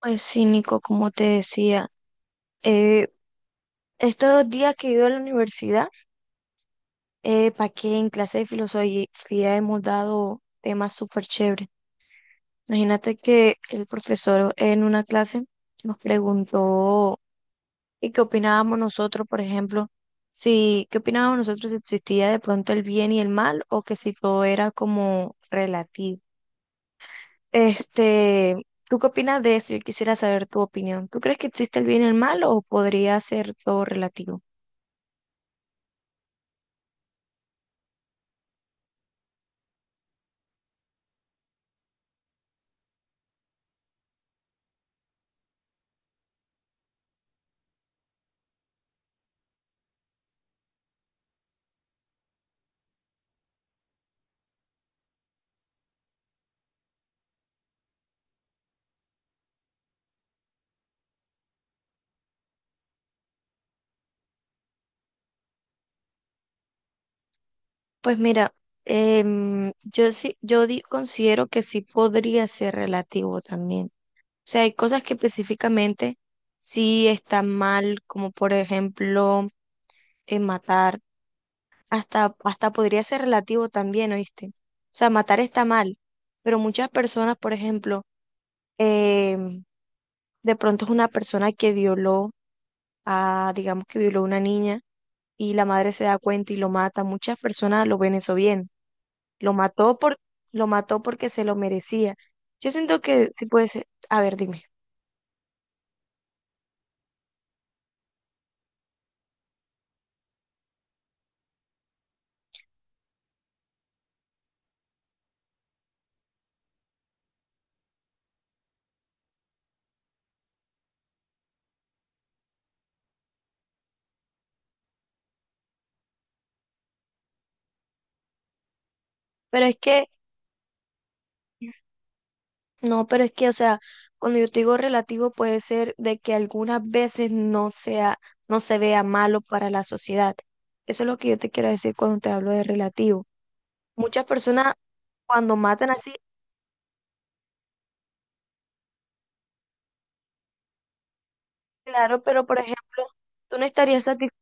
Pues sí, Nico, como te decía, eh, estos días que he ido a la universidad, para que en clase de filosofía hemos dado temas súper chéveres. Imagínate que el profesor en una clase nos preguntó y qué opinábamos nosotros, por ejemplo, si qué opinábamos nosotros si existía de pronto el bien y el mal o que si todo era como relativo. Este, ¿tú qué opinas de eso? Yo quisiera saber tu opinión. ¿Tú crees que existe el bien y el mal o podría ser todo relativo? Pues mira, yo sí, considero que sí podría ser relativo también. O sea, hay cosas que específicamente sí están mal, como por ejemplo, matar. Hasta podría ser relativo también, ¿oíste? O sea, matar está mal, pero muchas personas, por ejemplo, em, de pronto es una persona que violó a, digamos que violó a una niña y la madre se da cuenta y lo mata. Muchas personas lo ven eso bien. Lo mató por, lo mató porque se lo merecía. Yo siento que sí puede ser, a ver, dime. Pero es que, no, pero es que, o sea, cuando yo te digo relativo puede ser de que algunas veces no sea, no se vea malo para la sociedad. Eso es lo que yo te quiero decir cuando te hablo de relativo. Muchas personas cuando matan así, claro, pero por ejemplo, tú no estarías satisfecho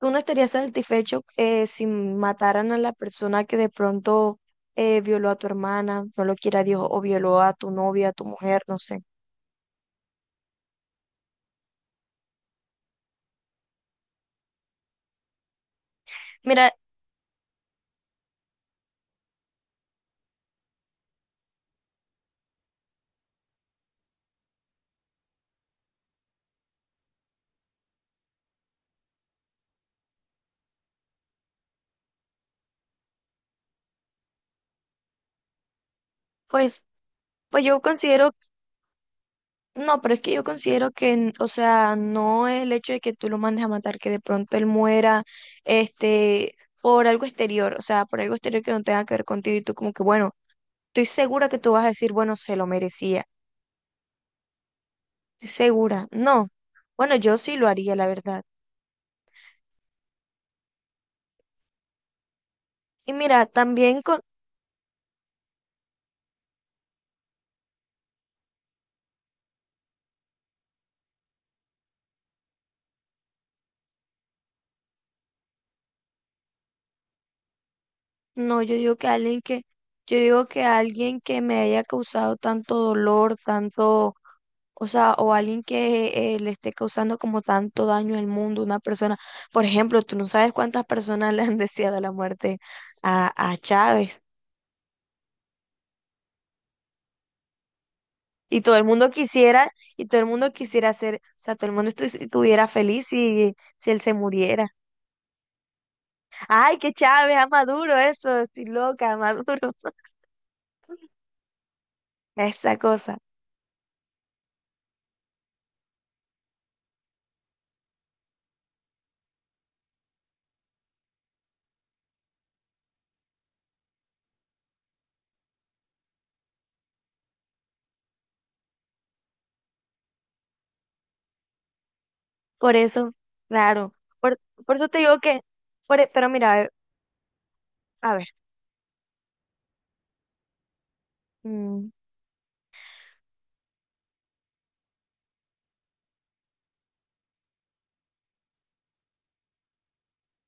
tú no estarías satisfecho si mataran a la persona que de pronto violó a tu hermana, no lo quiera Dios, o violó a tu novia, a tu mujer, no sé. Mira, pues, pues yo considero, no, pero es que yo considero que, o sea, no es el hecho de que tú lo mandes a matar, que de pronto él muera, este, por algo exterior, o sea, por algo exterior que no tenga que ver contigo y tú como que, bueno, estoy segura que tú vas a decir, bueno, se lo merecía, estoy segura, no. Bueno, yo sí lo haría, la verdad. Y mira, también con, no, yo digo que alguien que, yo digo que alguien que me haya causado tanto dolor, tanto, o sea, o alguien que le esté causando como tanto daño al mundo, una persona, por ejemplo, tú no sabes cuántas personas le han deseado la muerte a Chávez. Y todo el mundo quisiera, y todo el mundo quisiera ser, o sea, todo el mundo estuviera feliz si, si él se muriera. Ay, que Chávez, a Maduro, eso, estoy loca, a Maduro, esa cosa. Por eso, claro. Por, por eso te digo que, pero mira, a ver, mm,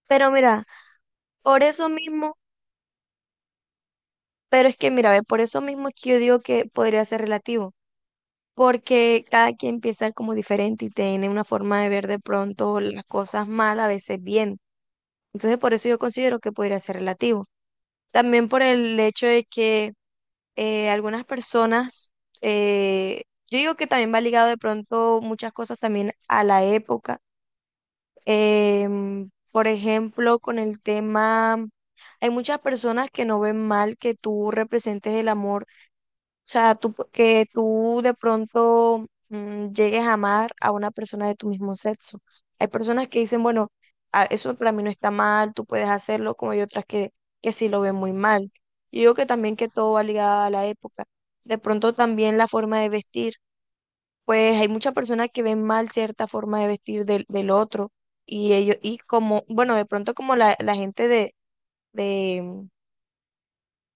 pero mira, por eso mismo, pero es que mira, ve, por eso mismo es que yo digo que podría ser relativo, porque cada quien piensa como diferente y tiene una forma de ver de pronto las cosas mal, a veces bien. Entonces, por eso yo considero que podría ser relativo. También por el hecho de que algunas personas, eh, yo digo que también va ligado de pronto muchas cosas también a la época. Por ejemplo, con el tema, hay muchas personas que no ven mal que tú representes el amor, o sea, tú, que tú de pronto llegues a amar a una persona de tu mismo sexo. Hay personas que dicen, bueno, eso para mí no está mal, tú puedes hacerlo, como hay otras que sí lo ven muy mal. Yo digo que también que todo va ligado a la época. De pronto también la forma de vestir pues hay muchas personas que ven mal cierta forma de vestir del otro y ellos, y como, bueno, de pronto como la gente de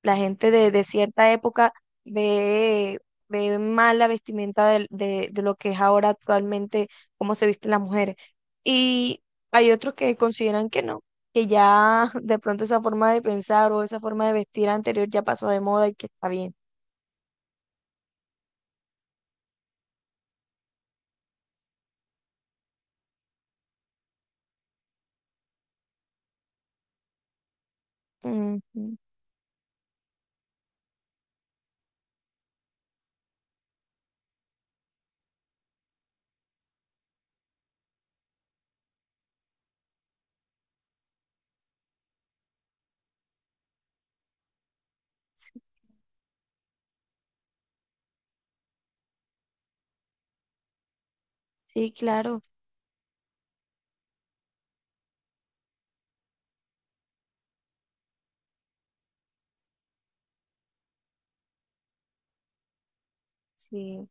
la gente de cierta época ve, ve mal la vestimenta de lo que es ahora actualmente, cómo se visten las mujeres. Y hay otros que consideran que no, que ya de pronto esa forma de pensar o esa forma de vestir anterior ya pasó de moda y que está bien. Ujú. Sí, sí, claro, sí.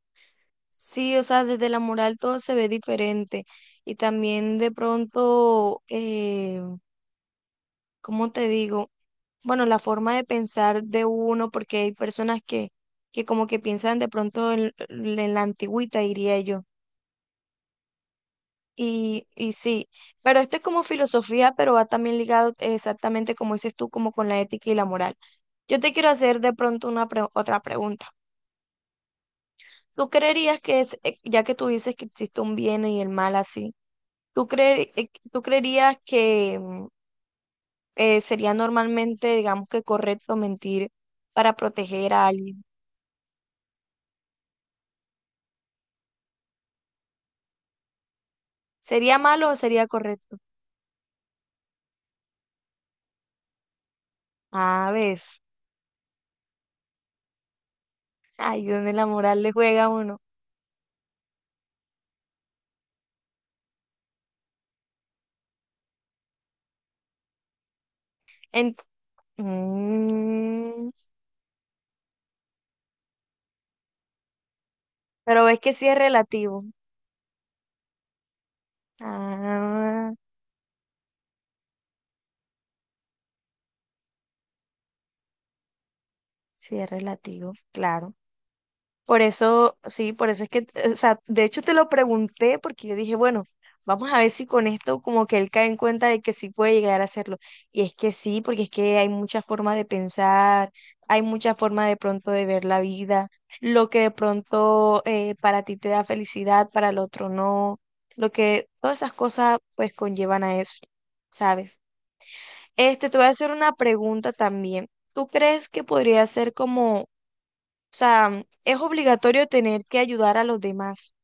Sí, o sea, desde la moral todo se ve diferente y también de pronto, ¿cómo te digo? Bueno, la forma de pensar de uno, porque hay personas que como que piensan de pronto en la antigüita, diría yo. Y sí, pero esto es como filosofía, pero va también ligado exactamente como dices tú, como con la ética y la moral. Yo te quiero hacer de pronto una otra pregunta. ¿Tú creerías que es, ya que tú dices que existe un bien y el mal así? Tú creerías que sería normalmente, digamos que correcto mentir para proteger a alguien? ¿Sería malo o sería correcto? A ves, ahí donde la moral le juega a uno. Ent- Mm, pero ves que sí es relativo. Ah, sí es relativo, claro. Por eso, sí, por eso es que, o sea, de hecho te lo pregunté porque yo dije, bueno, vamos a ver si con esto como que él cae en cuenta de que sí puede llegar a hacerlo. Y es que sí, porque es que hay muchas formas de pensar, hay muchas formas de pronto de ver la vida, lo que de pronto para ti te da felicidad, para el otro no, lo que todas esas cosas pues conllevan a eso, ¿sabes? Este, te voy a hacer una pregunta también. ¿Tú crees que podría ser como o sea, es obligatorio tener que ayudar a los demás.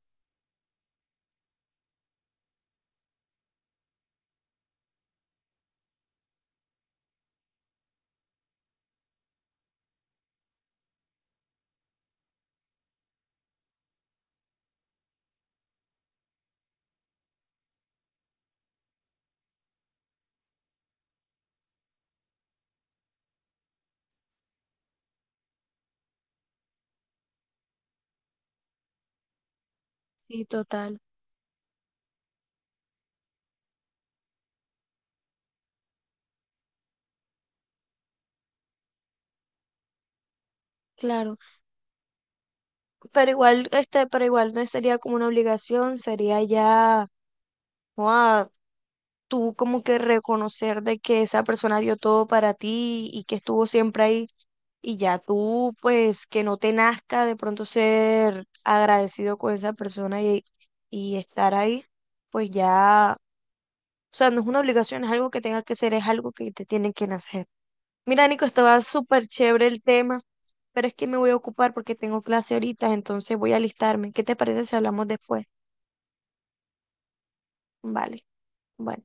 Sí, total, claro. Pero igual, este, pero igual no sería como una obligación, sería ya, joa, tú como que reconocer de que esa persona dio todo para ti y que estuvo siempre ahí. Y ya tú, pues, que no te nazca de pronto ser agradecido con esa persona y estar ahí, pues ya, o sea, no es una obligación, es algo que tengas que ser, es algo que te tiene que nacer. Mira, Nico, estaba súper chévere el tema, pero es que me voy a ocupar porque tengo clase ahorita, entonces voy a alistarme. ¿Qué te parece si hablamos después? Vale, bueno.